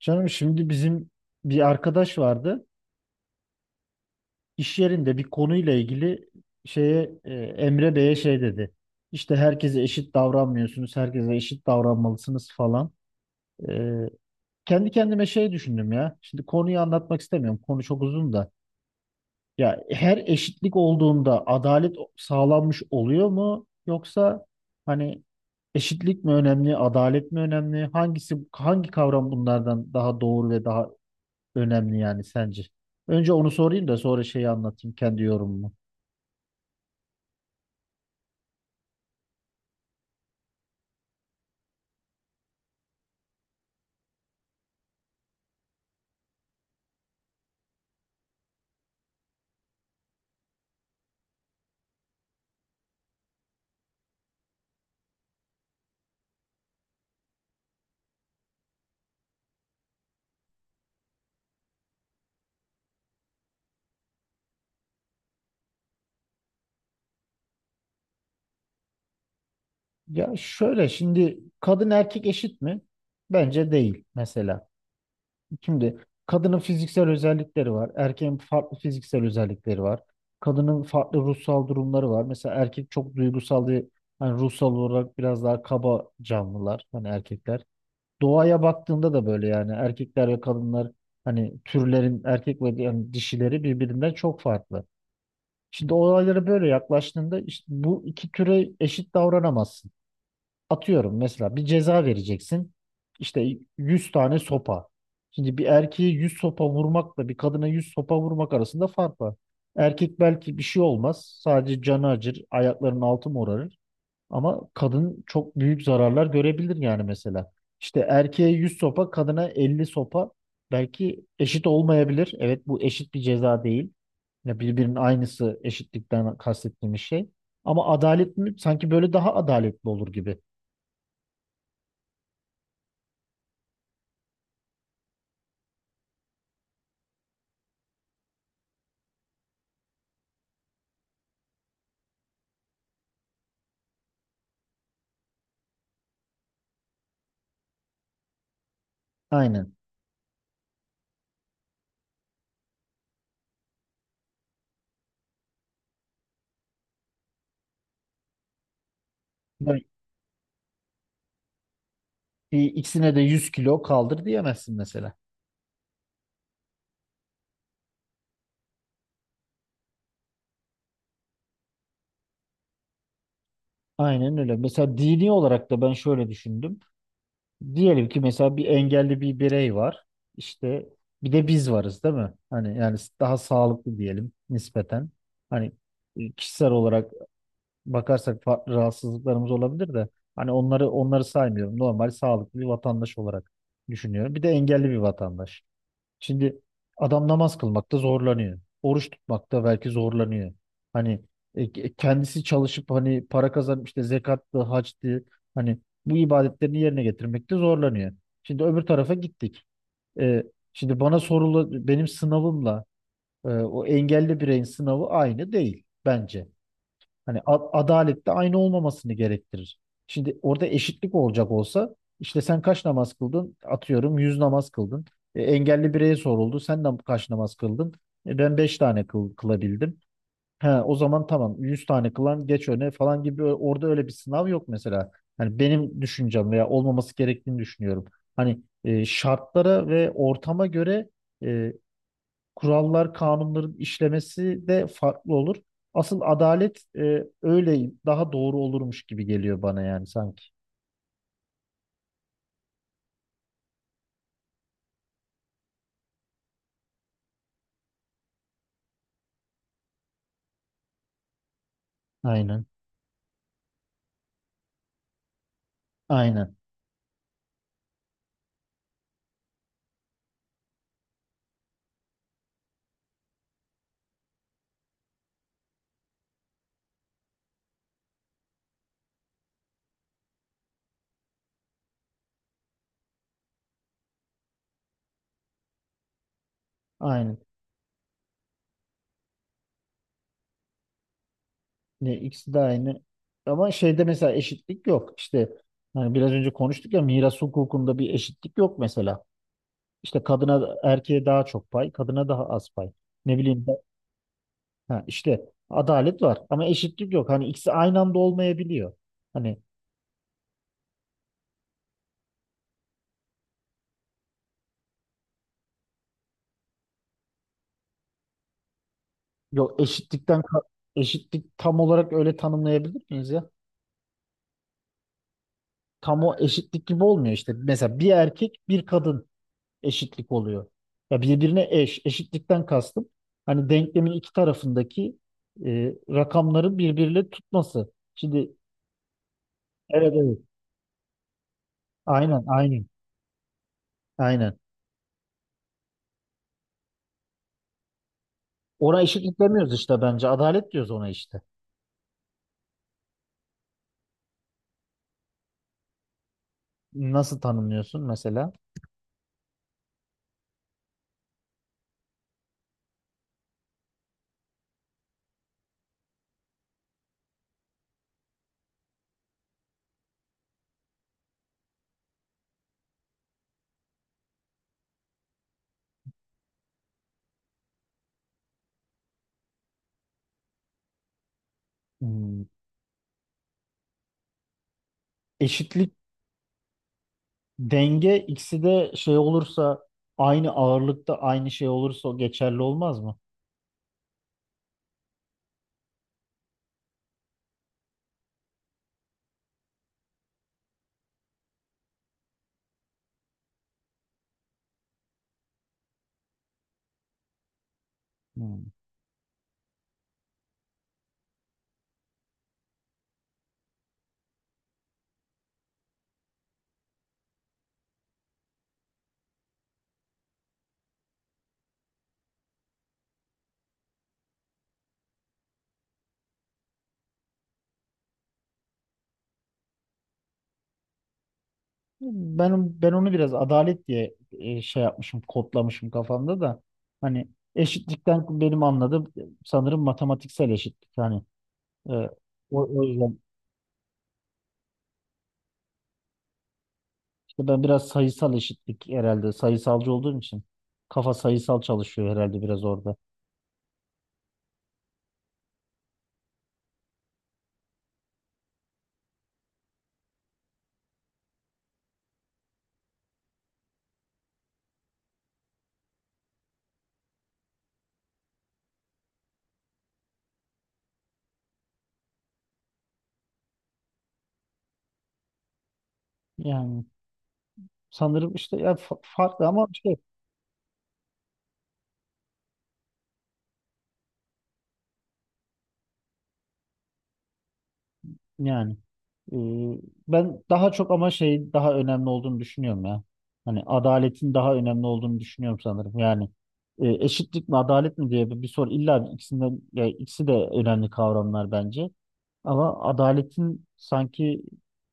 Canım şimdi bizim bir arkadaş vardı. İş yerinde bir konuyla ilgili Emre Bey'e şey dedi. İşte herkese eşit davranmıyorsunuz, herkese eşit davranmalısınız falan. E, Kendi kendime şey düşündüm ya. Şimdi konuyu anlatmak istemiyorum. Konu çok uzun da. Ya her eşitlik olduğunda adalet sağlanmış oluyor mu? Yoksa hani eşitlik mi önemli, adalet mi önemli? Hangisi hangi kavram bunlardan daha doğru ve daha önemli yani sence. Önce onu sorayım da sonra şeyi anlatayım kendi yorumumu. Ya şöyle şimdi kadın erkek eşit mi? Bence değil mesela. Şimdi kadının fiziksel özellikleri var. Erkeğin farklı fiziksel özellikleri var. Kadının farklı ruhsal durumları var. Mesela erkek çok duygusal diye hani ruhsal olarak biraz daha kaba canlılar hani erkekler. Doğaya baktığında da böyle yani erkekler ve kadınlar hani türlerin erkek ve yani dişileri birbirinden çok farklı. Şimdi olaylara böyle yaklaştığında işte bu iki türe eşit davranamazsın. Atıyorum mesela bir ceza vereceksin. İşte 100 tane sopa. Şimdi bir erkeğe 100 sopa vurmakla bir kadına 100 sopa vurmak arasında fark var. Erkek belki bir şey olmaz. Sadece canı acır, ayaklarının altı morarır. Ama kadın çok büyük zararlar görebilir yani mesela. İşte erkeğe 100 sopa, kadına 50 sopa belki eşit olmayabilir. Evet bu eşit bir ceza değil. Ya birbirinin aynısı eşitlikten kastettiğimiz şey. Ama adalet mi? Sanki böyle daha adaletli olur gibi. Aynen. Yani bir ikisine de 100 kilo kaldır diyemezsin mesela. Aynen öyle. Mesela dini olarak da ben şöyle düşündüm. Diyelim ki mesela bir engelli bir birey var. İşte bir de biz varız değil mi? Hani yani daha sağlıklı diyelim nispeten. Hani Kişisel olarak bakarsak farklı rahatsızlıklarımız olabilir de hani onları saymıyorum. Normal sağlıklı bir vatandaş olarak düşünüyorum. Bir de engelli bir vatandaş. Şimdi adam namaz kılmakta zorlanıyor. Oruç tutmakta belki zorlanıyor. Hani Kendisi çalışıp hani para kazanıp işte zekattı, hacdı hani bu ibadetlerini yerine getirmekte zorlanıyor. Şimdi öbür tarafa gittik. E, Şimdi bana sorulu benim sınavımla o engelli bireyin sınavı aynı değil bence. Hani adalet de aynı olmamasını gerektirir. Şimdi orada eşitlik olacak olsa işte sen kaç namaz kıldın? Atıyorum 100 namaz kıldın. Engelli bireye soruldu. Sen de kaç namaz kıldın? Ben 5 tane kılabildim. Ha, o zaman tamam 100 tane kılan geç öne falan gibi orada öyle bir sınav yok mesela. Hani benim düşüncem veya olmaması gerektiğini düşünüyorum. Şartlara ve ortama göre e, kurallar, kanunların işlemesi de farklı olur. Asıl adalet öyle daha doğru olurmuş gibi geliyor bana yani sanki. Aynen. Aynen. Aynen. Ne ikisi de aynı. Ama şeyde mesela eşitlik yok. İşte hani biraz önce konuştuk ya miras hukukunda bir eşitlik yok mesela. İşte kadına erkeğe daha çok pay, kadına daha az pay. Ne bileyim ben- ha, işte adalet var ama eşitlik yok. Hani ikisi aynı anda olmayabiliyor. Hani Yok eşitlikten ka- eşitlik tam olarak öyle tanımlayabilir miyiz ya? Tam o eşitlik gibi olmuyor işte. Mesela bir erkek bir kadın eşitlik oluyor. Ya birbirine eş. Eşitlikten kastım. Hani denklemin iki tarafındaki rakamların birbiriyle tutması. Şimdi evet. Aynen. Aynen. Ona eşitlik demiyoruz işte bence. Adalet diyoruz ona işte. Nasıl tanımlıyorsun mesela? Hmm. Eşitlik. Denge ikisi de şey olursa aynı ağırlıkta aynı şey olursa o geçerli olmaz mı? Hmm. Ben onu biraz adalet diye şey yapmışım, kodlamışım kafamda da. Hani eşitlikten benim anladığım sanırım matematiksel eşitlik. Hani e, o, o yüzden işte ben biraz sayısal eşitlik herhalde sayısalcı olduğum için kafa sayısal çalışıyor herhalde biraz orada. Yani sanırım işte ya farklı ama şey, yani e, ben daha çok ama şey daha önemli olduğunu düşünüyorum ya. Hani adaletin daha önemli olduğunu düşünüyorum sanırım. Yani eşitlik mi adalet mi diye bir soru illa bir ikisinden ya ikisi de önemli kavramlar bence. Ama adaletin sanki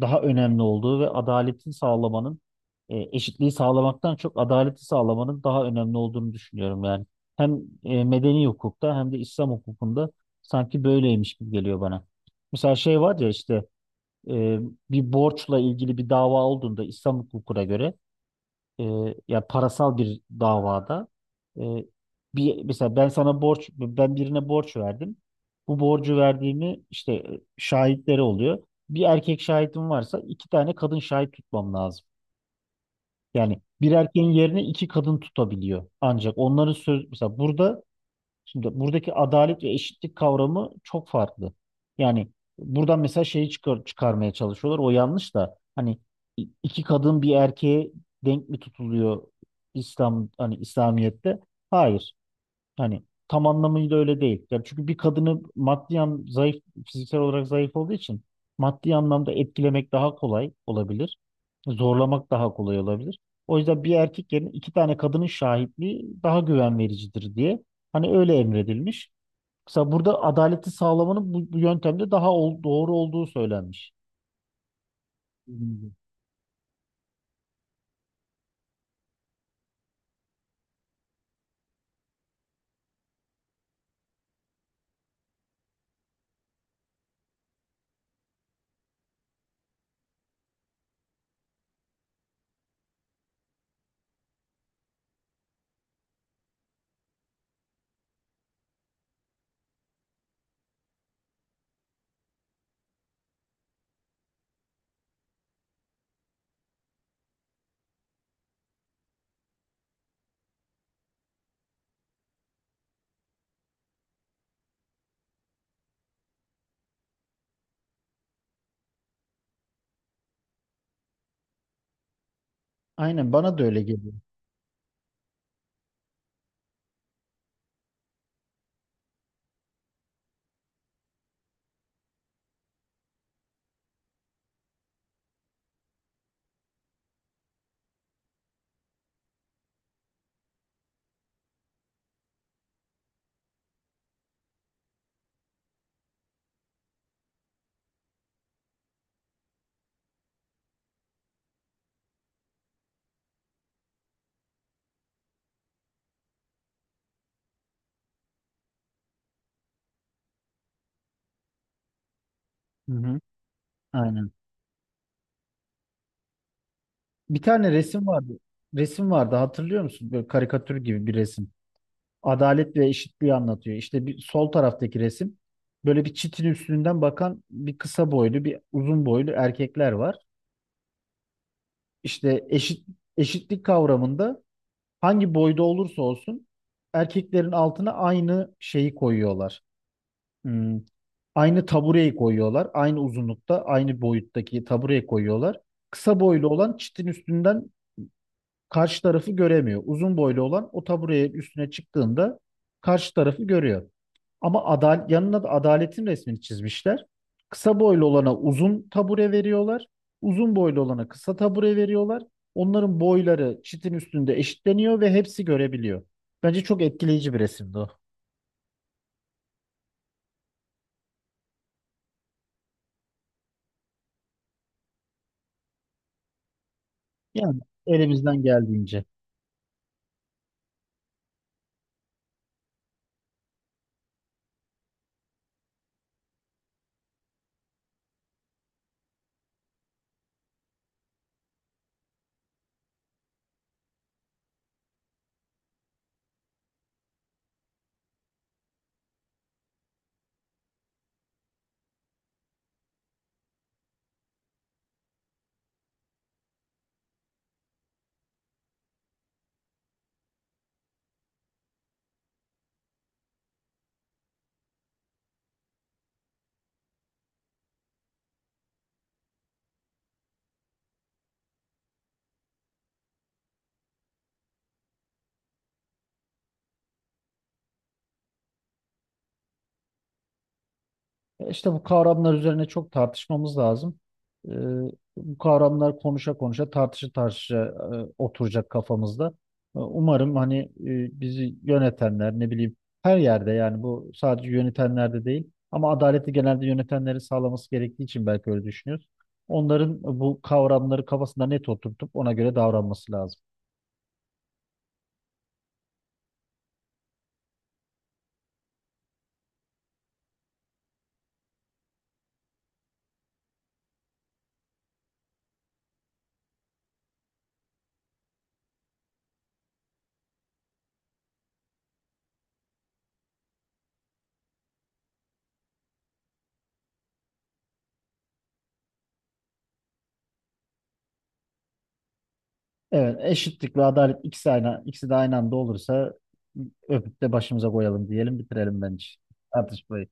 daha önemli olduğu ve adaletin sağlamanın eşitliği sağlamaktan çok adaleti sağlamanın daha önemli olduğunu düşünüyorum yani. Hem medeni hukukta hem de İslam hukukunda sanki böyleymiş gibi geliyor bana. Mesela şey var ya işte e, bir borçla ilgili bir dava olduğunda İslam hukukuna göre e, ya parasal bir davada e, bir mesela ben birine borç verdim. Bu borcu verdiğimi işte şahitleri oluyor. Bir erkek şahidim varsa iki tane kadın şahit tutmam lazım. Yani bir erkeğin yerine iki kadın tutabiliyor. Ancak onların söz mesela burada. Şimdi buradaki adalet ve eşitlik kavramı çok farklı. Yani buradan mesela şeyi çıkarmaya çalışıyorlar. O yanlış da hani iki kadın bir erkeğe denk mi tutuluyor İslamiyet'te? Hayır. Hani tam anlamıyla öyle değil. Yani çünkü bir kadını maddi an zayıf fiziksel olarak zayıf olduğu için maddi anlamda etkilemek daha kolay olabilir. Zorlamak daha kolay olabilir. O yüzden bir erkek yerine iki tane kadının şahitliği daha güven vericidir diye. Hani öyle emredilmiş. Mesela burada adaleti sağlamanın bu yöntemde daha doğru olduğu söylenmiş. Bilmiyorum. Aynen bana da öyle geliyor. Hı hı. Aynen. Bir tane resim vardı. Resim vardı hatırlıyor musun? Böyle karikatür gibi bir resim. Adalet ve eşitliği anlatıyor. İşte bir sol taraftaki resim. Böyle bir çitin üstünden bakan bir kısa boylu, bir uzun boylu erkekler var. İşte eşit eşitlik kavramında hangi boyda olursa olsun erkeklerin altına aynı şeyi koyuyorlar. Hmm, aynı tabureyi koyuyorlar. Aynı uzunlukta, aynı boyuttaki tabureyi koyuyorlar. Kısa boylu olan çitin üstünden karşı tarafı göremiyor. Uzun boylu olan o taburenin üstüne çıktığında karşı tarafı görüyor. Ama adal yanına da adaletin resmini çizmişler. Kısa boylu olana uzun tabure veriyorlar. Uzun boylu olana kısa tabure veriyorlar. Onların boyları çitin üstünde eşitleniyor ve hepsi görebiliyor. Bence çok etkileyici bir resimdi o. Yani elimizden geldiğince. İşte bu kavramlar üzerine çok tartışmamız lazım. Ee, Bu kavramlar konuşa konuşa, tartışa tartışa oturacak kafamızda. Umarım hani bizi yönetenler, ne bileyim her yerde yani bu sadece yönetenlerde değil ama adaleti genelde yönetenlerin sağlaması gerektiği için belki öyle düşünüyoruz. Onların bu kavramları kafasında net oturtup ona göre davranması lazım. Evet, eşitlik ve adalet ikisi aynı, ikisi de aynı anda olursa öpüp de başımıza koyalım diyelim, bitirelim bence tartışmayı.